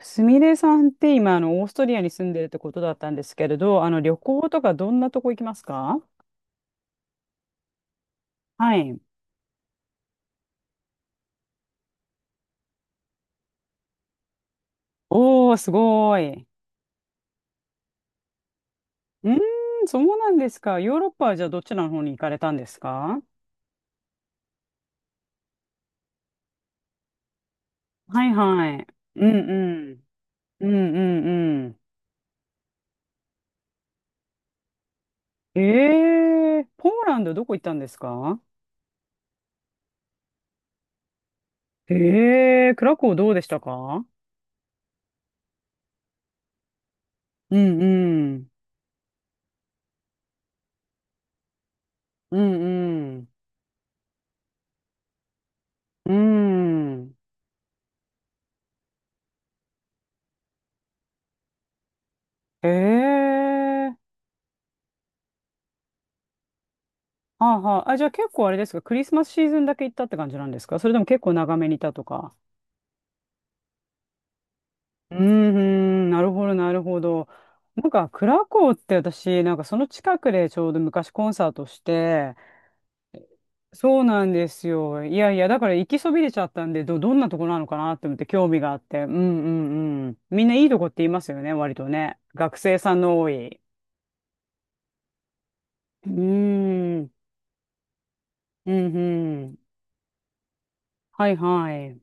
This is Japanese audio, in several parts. すみれさんって今、オーストリアに住んでるってことだったんですけれど、旅行とかどんなとこ行きますか？はい。おー、すごい。うーん、そうなんですか。ヨーロッパはじゃあどちらの方に行かれたんですか？はいはい。うんうん。うんうんうん。ポーランドどこ行ったんですか？クラコウどうでしたか？うんうん。うんうん。うん。えー。はあはあ。あ、じゃあ結構あれですか、クリスマスシーズンだけ行ったって感じなんですか、それとも結構長めにいたとか？うーん、なるほど、なるほど。なんか、クラコーって私、なんかその近くでちょうど昔コンサートして、そうなんですよ。いやいや、だから行きそびれちゃったんで、どんなとこなのかなって思って興味があって。うんうんうん。みんないいとこって言いますよね、割とね。学生さんの多い。うーん、うんうん。はいはい。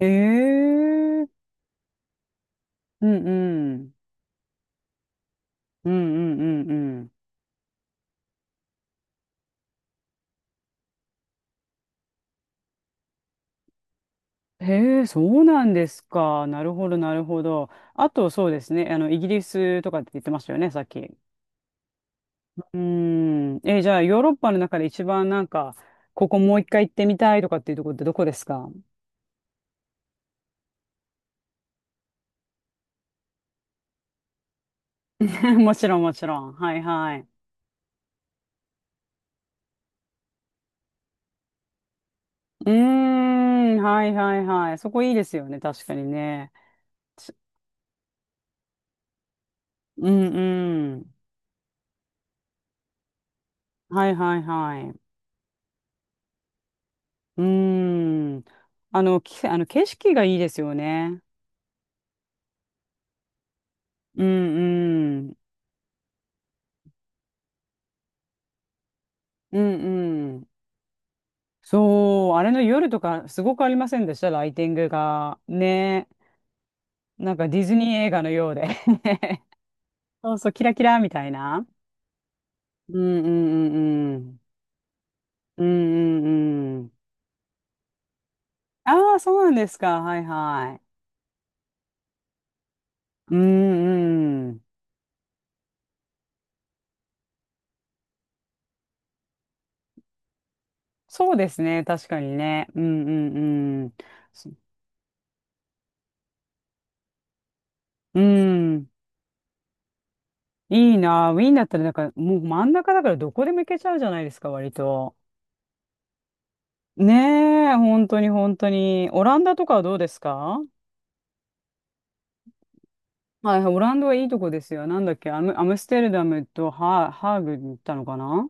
ええーうんうん。うんうんうんうん。へえ、そうなんですか。なるほど、なるほど。あと、そうですね。イギリスとかって言ってましたよね、さっき。うーん。え、じゃあ、ヨーロッパの中で一番なんか、ここもう一回行ってみたいとかっていうところってどこですか？ もちろん、もちろん。はいはい。うーん、はいはいはい。そこいいですよね、確かにね。ちうんうん。はいはいはい。うーん。あの景色がいいですよね。うんうん。うんうん。そう、あれの夜とかすごくありませんでした？ライティングが。ね。なんかディズニー映画のようで そうそう、キラキラみたいな。うんうんうんうん。うんうんうん。ああ、そうなんですか。はいはい。うんうん。そうですね。確かにね。うんうんうん。そうん。いいな。ウィーンだったらなんかもう真ん中だからどこでも行けちゃうじゃないですか、割と。ねえ、本当に本当に。オランダとかはどうですか？はいはい、オランダはいいとこですよ。なんだっけ、アムステルダムとハーグに行ったのかな？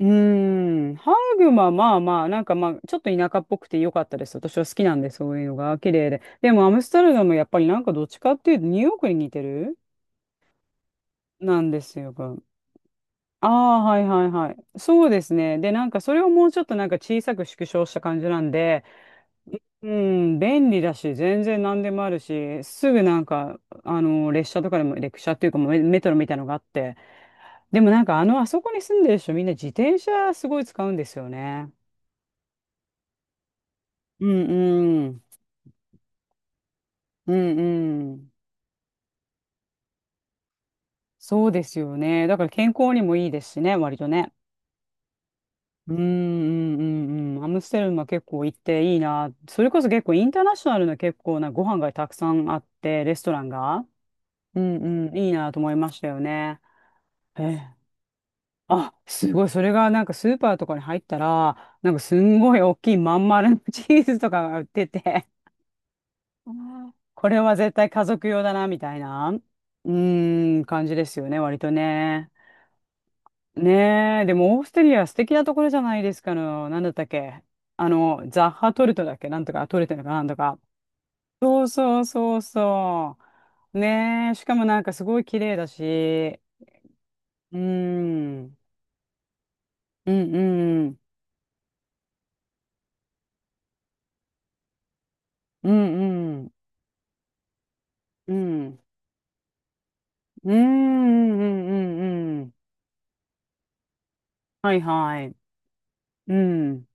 うーん、ハーグはまあまあ、なんかまあ、ちょっと田舎っぽくて良かったです。私は好きなんで、そういうのが綺麗で。でも、アムステルダムやっぱりなんかどっちかっていうと、ニューヨークに似てるなんですよ。ああ、はいはいはい。そうですね。で、なんかそれをもうちょっとなんか小さく縮小した感じなんで、うん、便利だし、全然何でもあるし、すぐなんか、列車とかでも、列車っていうかもうメトロみたいなのがあって、でもなんかあそこに住んでる人みんな自転車すごい使うんですよね。うんうん。うんうん。そうですよね。だから健康にもいいですしね、割とね。うんうんうんうん。アムステルムは結構行っていいな。それこそ結構インターナショナルな結構なご飯がたくさんあって、レストランが。うんうん、いいなと思いましたよね。ええあ、すごい。それがなんかスーパーとかに入ったら、なんかすんごい大きいまん丸のチーズとかが売ってて、あーこれは絶対家族用だな、みたいな、うーん、感じですよね、割とね。ねえ、でもオーストリア素敵なところじゃないですかの、なんだったっけ、ザッハトルトだっけなんとか、トルトだかなんとか。そうそうそうそう。ねえ、しかもなんかすごい綺麗だし、うーん、うんうん、うんうん、うん。うん、うん、うん、うんうんうんうんはいはい。うん、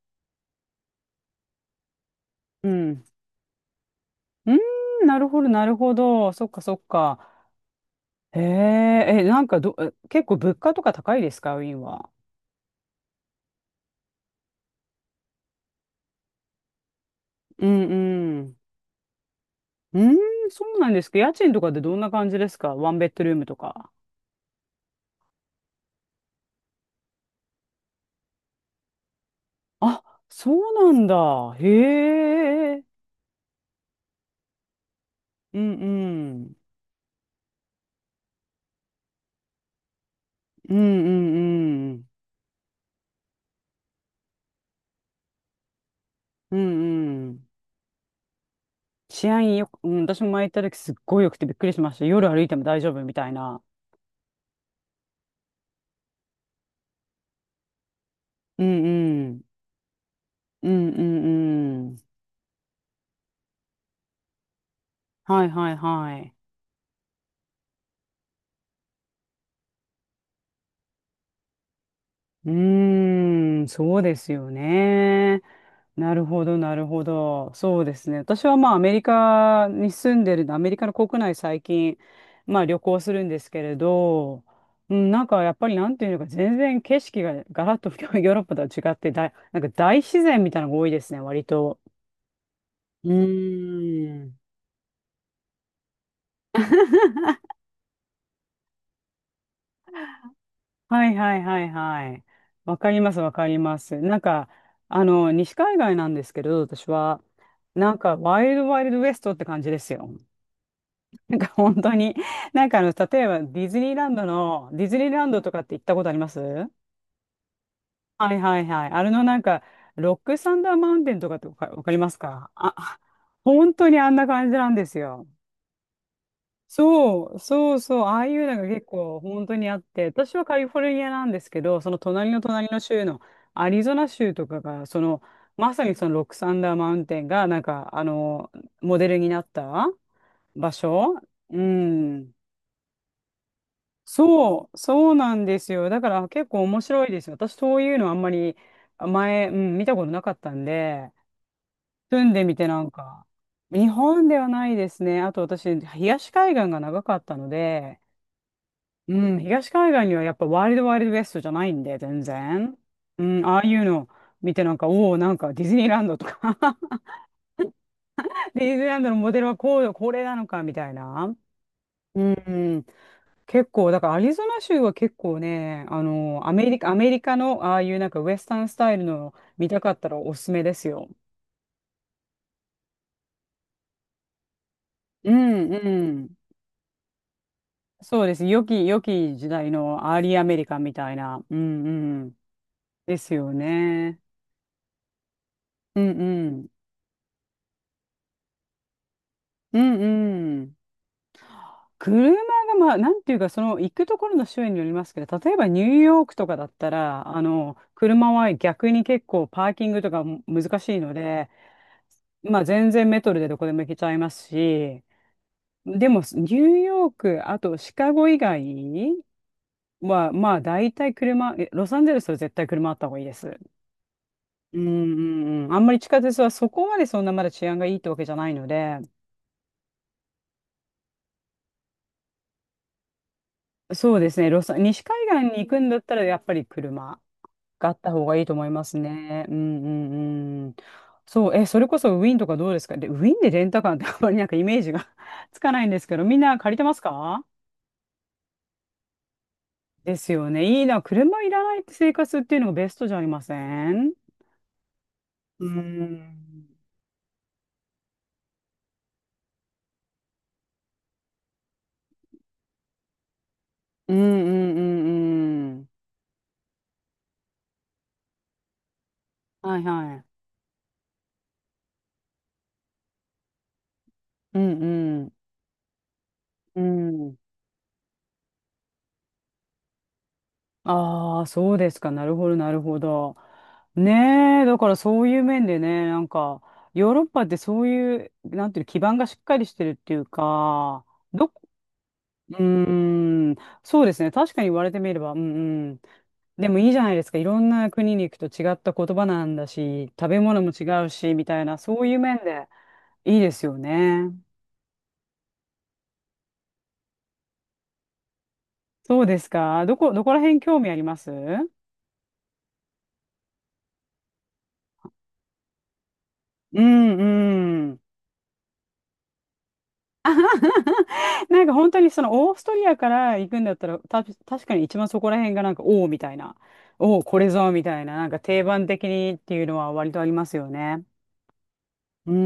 うん。うん、なるほど、なるほど。そっか、そっか。へえ、え、なんか結構物価とか高いですか、ウィーンは？うん、うん。うん、そうなんですか。家賃とかでどんな感じですか、ワンベッドルームとか？あ、そうなんだ。へえ。うん、うん。うん、うん、うん。うん、うん。治安よく、うん、私も前行った時すっごいよくてびっくりしました。夜歩いても大丈夫みたいな。うんうん。うんうんうん。はいはいはい。うーん、そうですよね。なるほど、なるほど。そうですね。私はまあアメリカに住んでるアメリカの国内最近、まあ旅行するんですけれど、うん、なんかやっぱりなんていうのか、全然景色がガラッと ヨーロッパとは違って、なんか大自然みたいなのが多いですね、割と。うーん。はいはいはいはい。わかりますわかります。なんか、西海岸なんですけど、私は、なんか、ワイルドワイルドウエストって感じですよ。なんか、本当に、なんか例えばディズニーランドとかって行ったことあります？はいはいはい。あれのなんか、ロックサンダーマウンテンとかってわかりますかあ？本当にあんな感じなんですよ。そう、そうそう、ああいうのが結構本当にあって、私はカリフォルニアなんですけど、その隣の隣の州のアリゾナ州とかが、まさにそのロックサンダーマウンテンが、なんか、モデルになった場所。うん。そう、そうなんですよ。だから結構面白いですよ。私、そういうのあんまり前、うん、見たことなかったんで、住んでみてなんか、日本ではないですね。あと私、東海岸が長かったので、うん、東海岸にはやっぱワイルドワイルドウエストじゃないんで、全然。うん、ああいうの見てなんか、おお、なんかディズニーランドとか ディズニーランドのモデルはこうこれなのか、みたいな。うん、うん結構、だからアリゾナ州は結構ね、アメリカのああいうなんかウエスタンスタイルの見たかったらおすすめですよ。うん、うん。そうです。良き時代のアーリーアメリカンみたいな。うん、うん。ですよね。うん、うん。うん、うん。車が、まあ、なんていうか、その行くところの州によりますけど、例えばニューヨークとかだったら、車は逆に結構パーキングとかも難しいので、まあ、全然メトロでどこでも行けちゃいますし、でも、ニューヨーク、あとシカゴ以外は、まあ、大体車、ロサンゼルスは絶対車あった方がいいです。うんうんうん。あんまり地下鉄はそこまでそんなまだ治安がいいってわけじゃないので、そうですね、西海岸に行くんだったら、やっぱり車があった方がいいと思いますね。うんうんうん。そう、それこそウィンとかどうですか？で、ウィンでレンタカーって あんまりなんかイメージが つかないんですけど、みんな借りてますか？ですよね。いいな。車いらない生活っていうのがベストじゃありません？うん。うんうんうんうん。はいはい。うんうん。うん。ああ、そうですか。なるほど、なるほど。ねえ、だからそういう面でね、なんか、ヨーロッパってそういう、なんていうの、基盤がしっかりしてるっていうか、どこ、うーん、そうですね。確かに言われてみれば、うんうん。でもいいじゃないですか。いろんな国に行くと違った言葉なんだし、食べ物も違うし、みたいな、そういう面でいいですよね。そうですか。どこら辺興味あります？うんうん。なんか本当にそのオーストリアから行くんだったら、確かに一番そこら辺がなんか、おおみたいな、おお、これぞみたいな、なんか定番的にっていうのは割とありますよね。うん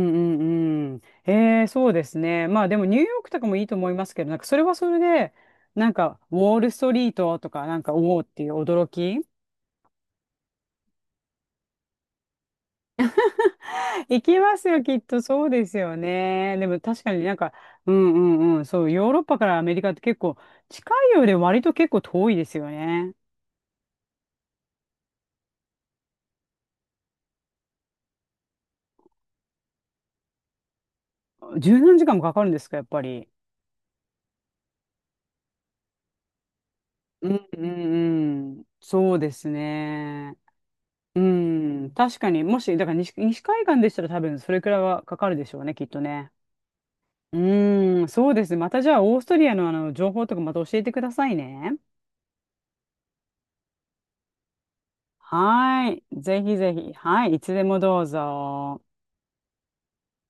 うんうん。ええ、そうですね。まあでもニューヨークとかもいいと思いますけど、なんかそれはそれで、なんかウォールストリートとか、なんかおおっていう驚き。行きますよ、きっとそうですよね。でも確かになんか、うんうんうん、そう、ヨーロッパからアメリカって結構近いようで割と結構遠いですよね。十何時間もかかるんですか、やっぱり？うんうんうんそうですね。うん、確かに、もし、だから西海岸でしたら多分それくらいはかかるでしょうね、きっとね。うん、そうですね。またじゃあ、オーストリアの情報とかまた教えてくださいね。はい。ぜひぜひ。はい。いつでもどうぞ。